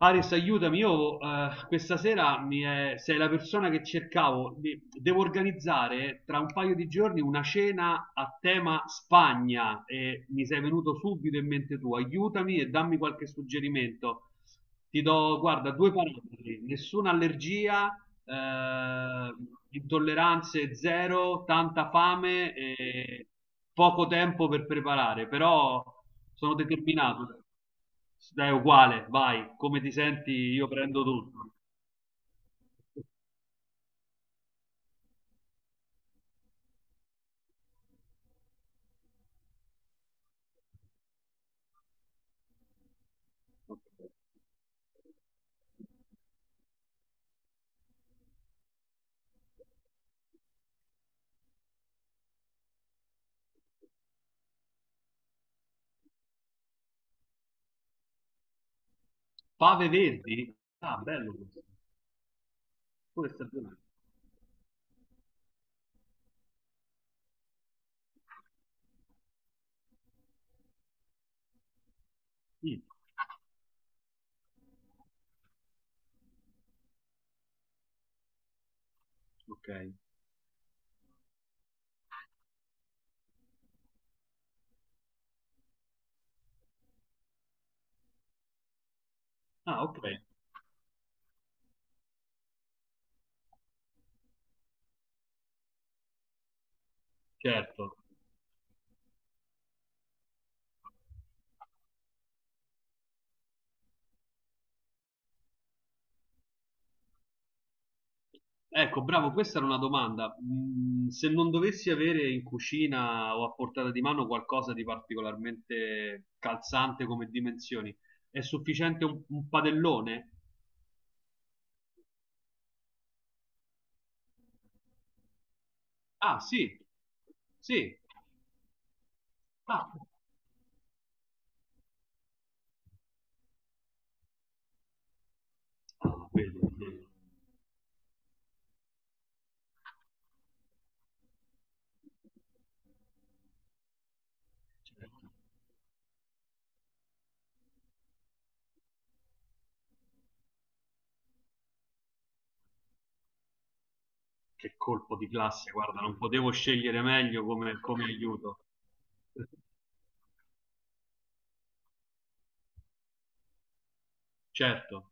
Aris, aiutami, io questa sera sei la persona che cercavo. Devo organizzare tra un paio di giorni una cena a tema Spagna e mi sei venuto subito in mente tu. Aiutami e dammi qualche suggerimento. Ti do, guarda, due parametri, nessuna allergia, eh, intolleranze zero, tanta fame e poco tempo per preparare, però sono determinato. Dai, uguale, vai, come ti senti io prendo tutto. Pave Verdi? Ah, bello questo. Questa è bella. Mm, ok. Ah, ok, certo. Ecco, bravo, questa era una domanda. Mm, se non dovessi avere in cucina o a portata di mano qualcosa di particolarmente calzante come dimensioni, è sufficiente un padellone? Ah, sì, sì. Ah, ah, vedi, vedi. Certo. Che colpo di classe, guarda, non potevo scegliere meglio come, come aiuto. Certo,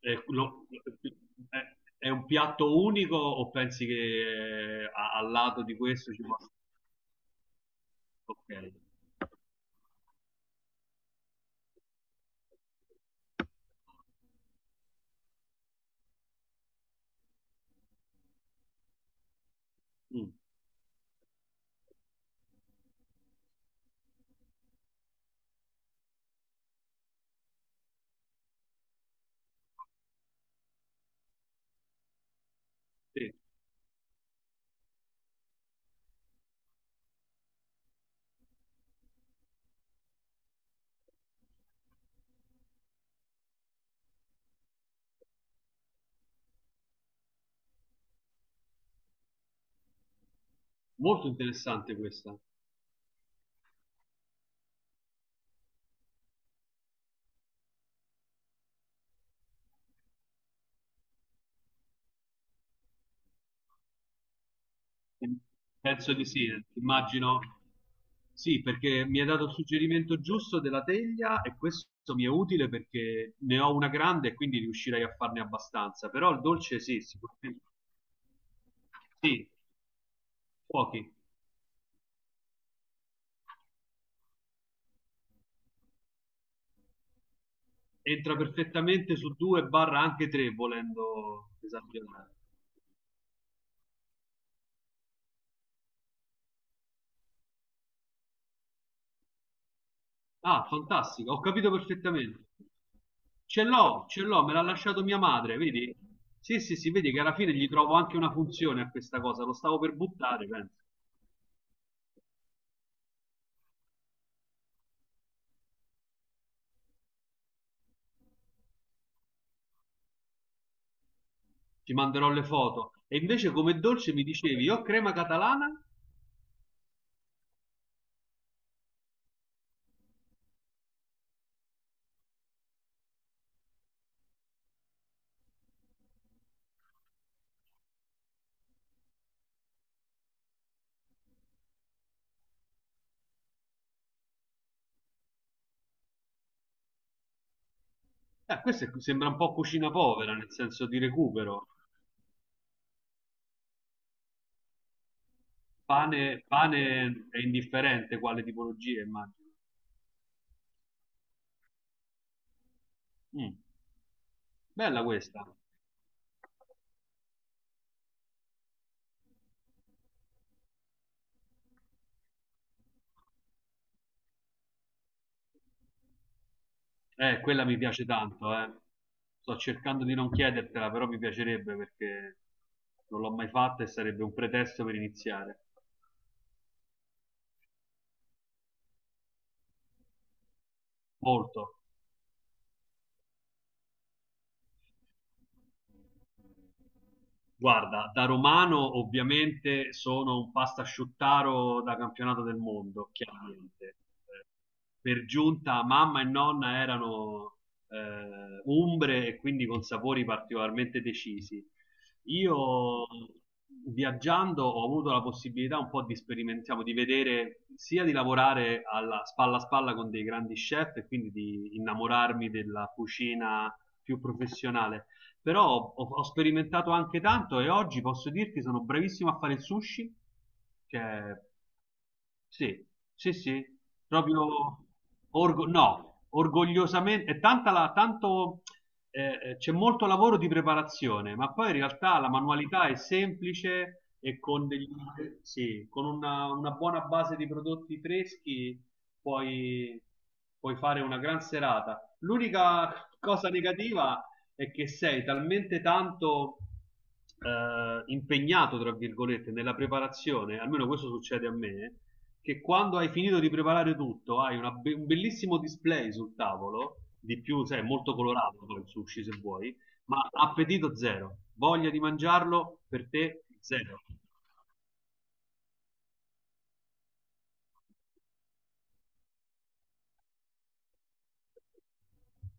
eh, lo- è un piatto unico o pensi che al lato di questo ci possa... Ok, Mm, sì. Molto interessante questa. Penso di sì, eh. Immagino. Sì, perché mi hai dato il suggerimento giusto della teglia e questo mi è utile perché ne ho una grande e quindi riuscirei a farne abbastanza, però il dolce sì, sicuramente. Sì, pochi. Entra perfettamente su due barra anche tre, volendo esagerare. Ah, fantastico, ho capito perfettamente. Ce l'ho, me l'ha lasciato mia madre, vedi? Sì, sì, sì, vedi che alla fine gli trovo anche una funzione a questa cosa, lo stavo per buttare, penso. Ti manderò le foto. E invece come dolce mi dicevi, io crema catalana? Sembra un po' cucina povera, nel senso di recupero. Pane, pane è indifferente quale tipologia, immagino. Mm. Bella questa. Quella mi piace tanto, eh. Sto cercando di non chiedertela, però mi piacerebbe perché non l'ho mai fatta e sarebbe un pretesto per iniziare. Molto. Guarda, da romano ovviamente sono un pastasciuttaro da campionato del mondo, chiaramente. Eh, Per giunta mamma e nonna erano umbre e quindi con sapori particolarmente decisi. Io viaggiando ho avuto la possibilità un po' di sperimentare, di vedere, sia di lavorare alla spalla a spalla con dei grandi chef e quindi di innamorarmi della cucina più professionale però ho sperimentato anche tanto e oggi posso dirti sono bravissimo a fare il sushi, cioè sì, sì, sì, proprio orgo- no, orgogliosamente, è tanta tanto, c'è molto lavoro di preparazione, ma poi in realtà la manualità è semplice e con degli, sì, con una buona base di prodotti freschi puoi, puoi fare una gran serata. L'unica cosa negativa è che sei talmente tanto impegnato, tra virgolette, nella preparazione, almeno questo succede a me, che quando hai finito di preparare tutto hai un bellissimo display sul tavolo, di più, sai, è molto colorato poi il sushi se vuoi, ma appetito zero, voglia di mangiarlo per te zero.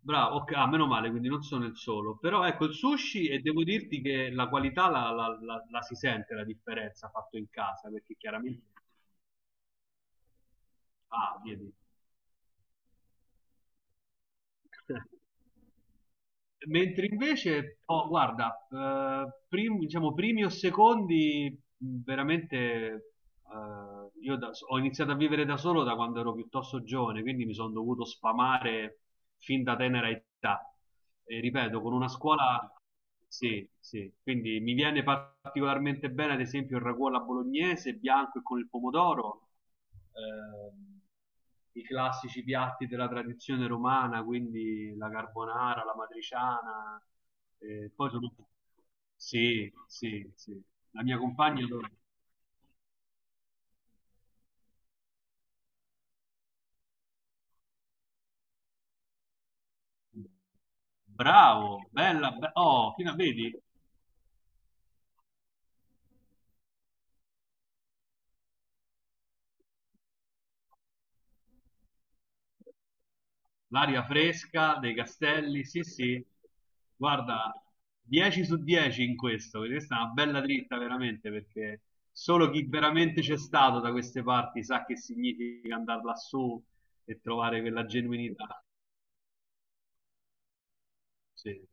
Bravo, ok, ah, meno male, quindi non sono il solo. Però ecco il sushi e devo dirti che la qualità la si sente la differenza fatto in casa, perché chiaramente... Ah, vedi. Mentre invece, oh, guarda, diciamo primi o secondi, veramente, io ho iniziato a vivere da solo da quando ero piuttosto giovane, quindi mi sono dovuto sfamare fin da tenera età. E ripeto, con una scuola, sì, sì, quindi mi viene particolarmente bene, ad esempio, il ragù alla bolognese, bianco e con il pomodoro. Ehm, I classici piatti della tradizione romana, quindi la carbonara, la matriciana, poi sono... Sì, sì, sì. La mia compagna... adora. Bravo, bella, oh, fino a vedi l'aria fresca dei castelli, sì, sì. Guarda, 10 su 10 in questo, perché questa è una bella dritta veramente, perché solo chi veramente c'è stato da queste parti sa che significa andare lassù e trovare quella genuinità. Sì.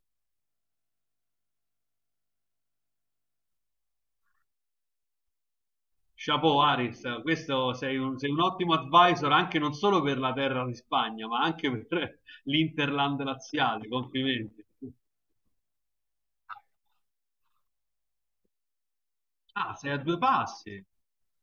Chapeau Aris, questo sei sei un ottimo advisor anche non solo per la terra di Spagna, ma anche per l'Interland laziale. Complimenti. Ah, sei a due passi.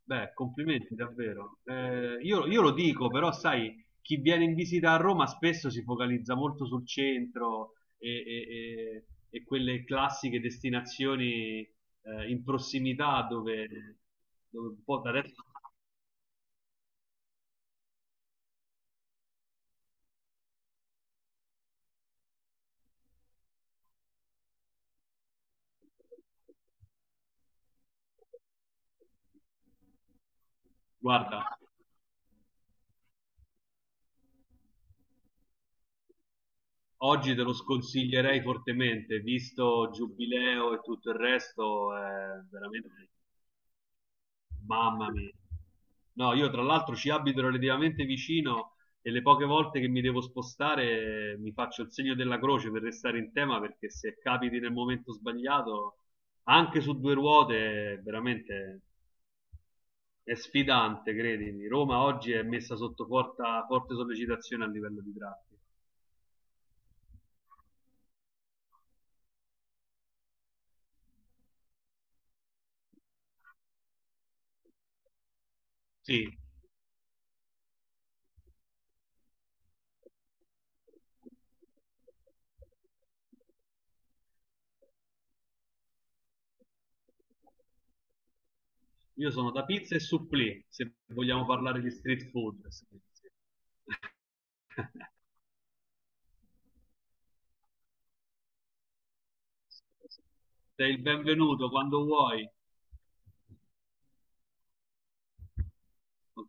Beh, complimenti davvero. Io lo dico, però sai, chi viene in visita a Roma spesso si focalizza molto sul centro e- e quelle classiche destinazioni in prossimità dove un po' da adesso, guarda. Oggi te lo sconsiglierei fortemente, visto Giubileo e tutto il resto, è veramente, mamma mia. No, io tra l'altro ci abito relativamente vicino e le poche volte che mi devo spostare mi faccio il segno della croce per restare in tema perché se capiti nel momento sbagliato, anche su due ruote, veramente è sfidante, credimi. Roma oggi è messa sotto forte sollecitazione a livello di traffico. Sì, io sono da pizza e supplì, se vogliamo parlare di street food. Sì, sì. Sei il benvenuto quando vuoi. Ok.